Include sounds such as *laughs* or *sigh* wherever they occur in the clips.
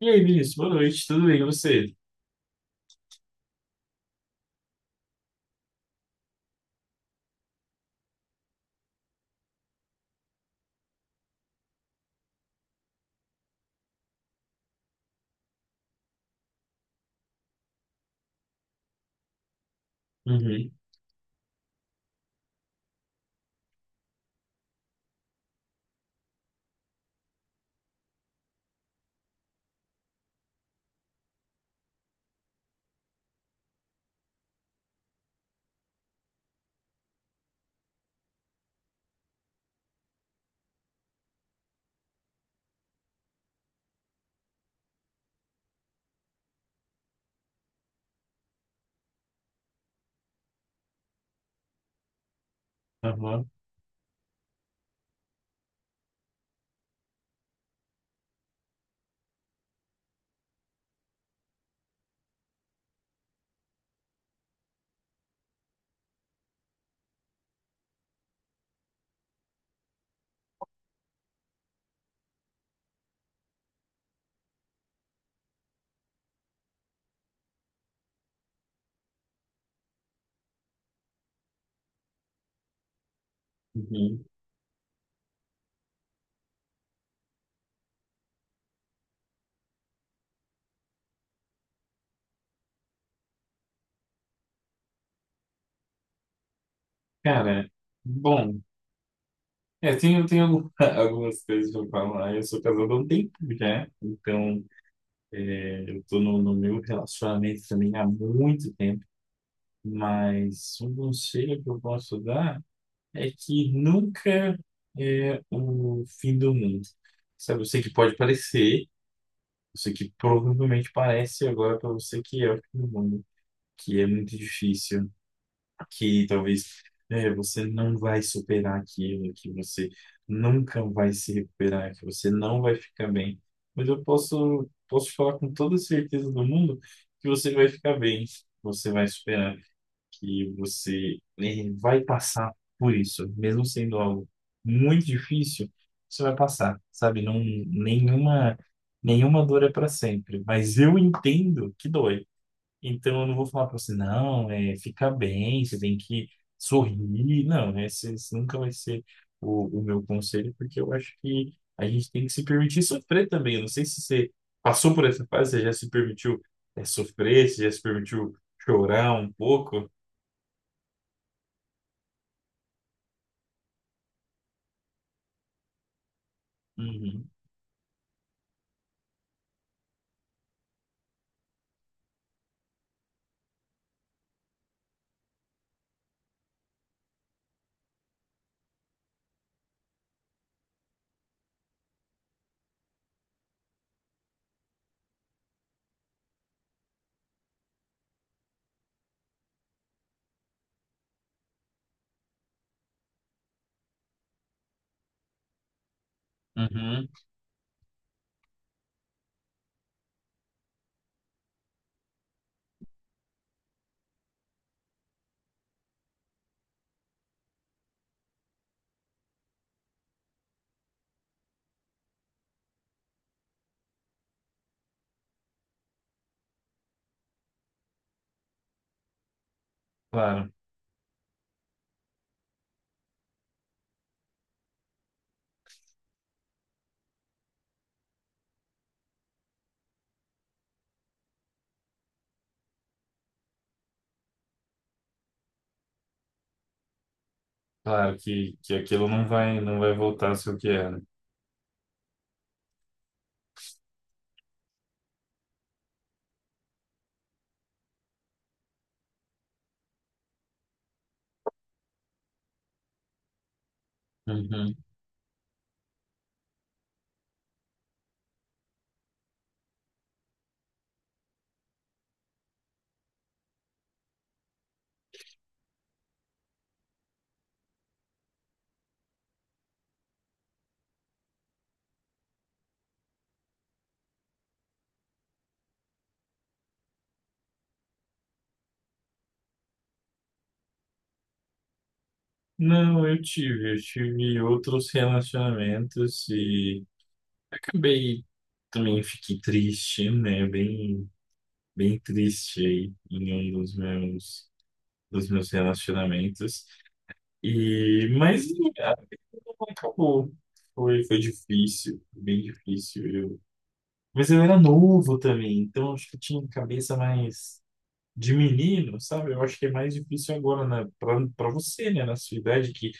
E aí, Vinícius, boa noite, tudo bem, e você? Uhum, aham, uhum. Cara, bom, tem *laughs* algumas coisas pra falar. Eu sou casado há um tempo já, então eu tô no meu relacionamento também há muito tempo, mas um conselho que eu posso dar é que nunca é o fim do mundo. Sabe, eu sei que pode parecer, eu sei que provavelmente parece agora pra você que é o fim do mundo, que é muito difícil. Que talvez você não vai superar aquilo, que você nunca vai se recuperar, que você não vai ficar bem. Mas eu posso te falar com toda certeza do mundo que você vai ficar bem, você vai superar, que você vai passar por isso, mesmo sendo algo muito difícil. Você vai passar, sabe? Não, nenhuma, nenhuma dor é para sempre, mas eu entendo que dói. Então, eu não vou falar pra você, não, fica bem, você tem que sorrir. Não, né, esse nunca vai ser o meu conselho, porque eu acho que a gente tem que se permitir sofrer também. Eu não sei se você passou por essa fase, você já se permitiu, sofrer, você já se permitiu chorar um pouco. Uhum, uhum, claro, claro que aquilo não vai voltar a ser o que era. Uhum. Não, eu tive outros relacionamentos e acabei também fiquei triste, né? Bem, bem triste aí em um dos meus relacionamentos. E mas ah, não acabou. Foi difícil, bem difícil. Eu... mas eu era novo também, então acho que eu tinha cabeça mais de menino, sabe? Eu acho que é mais difícil agora, né? Para você, né? Na sua idade, que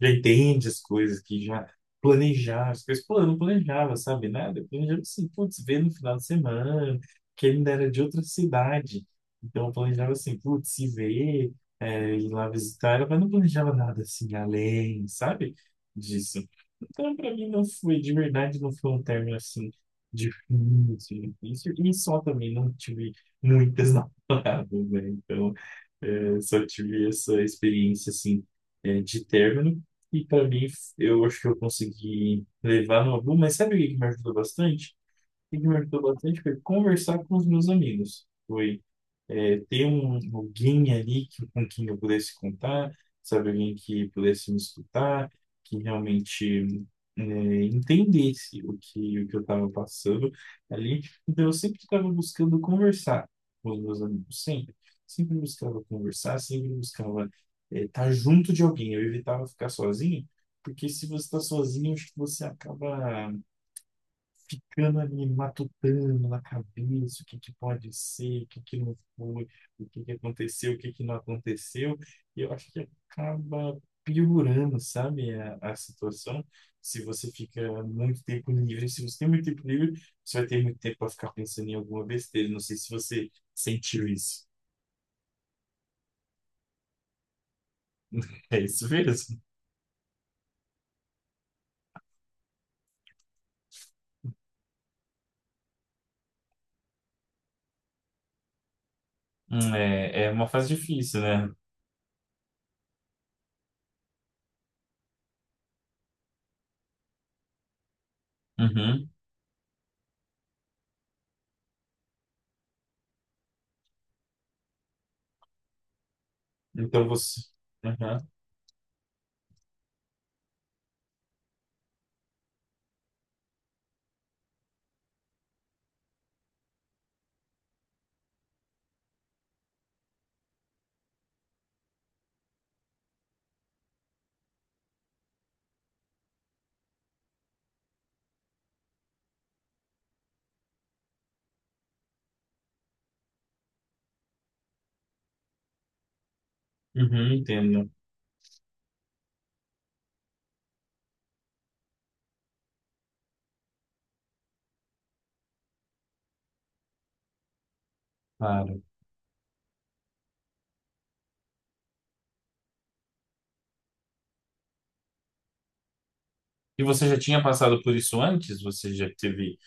já entende as coisas, que já planejava as coisas. Pô, eu não planejava, sabe, nada. Eu planejava assim, putz, ver no final de semana, que ele ainda era de outra cidade. Então, eu planejava assim, putz, se ver, ir lá visitar ela, mas não planejava nada assim, além, sabe, disso. Então, para mim, não foi, de verdade, não foi um término assim, difícil, difícil. E só também não tive muitas *laughs* namoradas, né? Então, só tive essa experiência, assim, de término e para mim, eu acho que eu consegui levar no aluno. Mas sabe o que que me ajudou bastante? O que que me ajudou bastante foi conversar com os meus amigos. Foi ter um, alguém ali que, com quem eu pudesse contar, sabe? Alguém que pudesse me escutar, que realmente entendesse o que eu estava passando ali. Então, eu sempre estava buscando conversar com os meus amigos, sempre. Sempre buscava conversar, sempre buscava estar junto de alguém. Eu evitava ficar sozinho, porque se você está sozinho, acho que você acaba ficando ali matutando na cabeça o que que pode ser, o que que não foi, o que que aconteceu, o que que não aconteceu, e eu acho que acaba piorando, sabe, a situação. Se você fica muito tempo livre, se você tem muito tempo livre, você vai ter muito tempo para ficar pensando em alguma besteira. Não sei se você sentiu isso. *laughs* É isso mesmo. É, é uma fase difícil, né? Uhum. Então você. Uhum. Uhum, entendo. Claro. E você já tinha passado por isso antes? Você já teve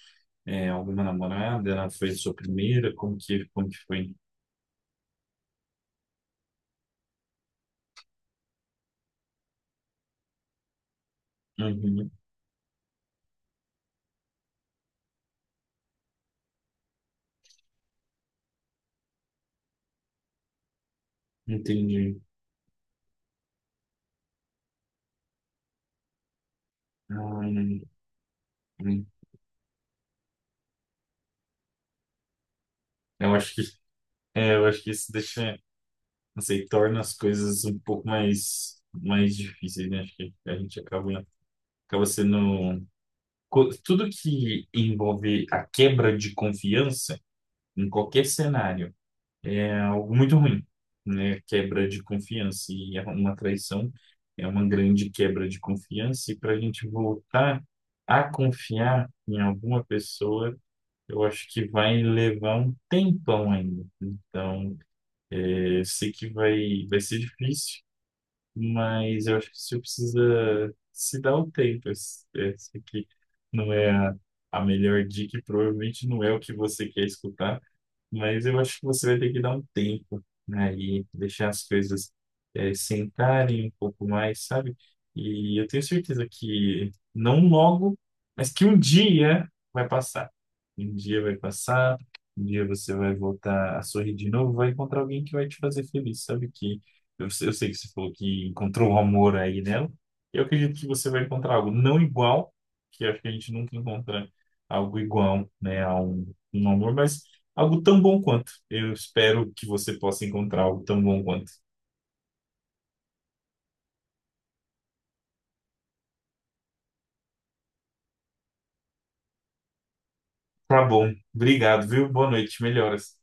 alguma namorada? Ela foi sua primeira? Como que foi? Uhum, entendi. Hum, hum. Eu acho que, eu acho que isso deixa, não sei, torna as coisas um pouco mais, mais difíceis, né? Acho que a gente acaba sendo... tudo que envolve a quebra de confiança em qualquer cenário, é algo muito ruim, né? Quebra de confiança e é uma traição é uma grande quebra de confiança, e para a gente voltar a confiar em alguma pessoa, eu acho que vai levar um tempão ainda. Então, eu sei que vai ser difícil, mas eu acho que você precisa se dar o tempo. Esse aqui não é a melhor dica, e provavelmente não é o que você quer escutar, mas eu acho que você vai ter que dar um tempo, né? E deixar as coisas sentarem um pouco mais, sabe? E eu tenho certeza que não logo, mas que um dia vai passar. Um dia vai passar, um dia você vai voltar a sorrir de novo, vai encontrar alguém que vai te fazer feliz, sabe? Que eu sei que você falou que encontrou o amor aí nela. Eu acredito que você vai encontrar algo não igual, que eu acho que a gente nunca encontra algo igual, né? A um amor, mas algo tão bom quanto. Eu espero que você possa encontrar algo tão bom quanto. Tá bom. Obrigado, viu? Boa noite. Melhoras.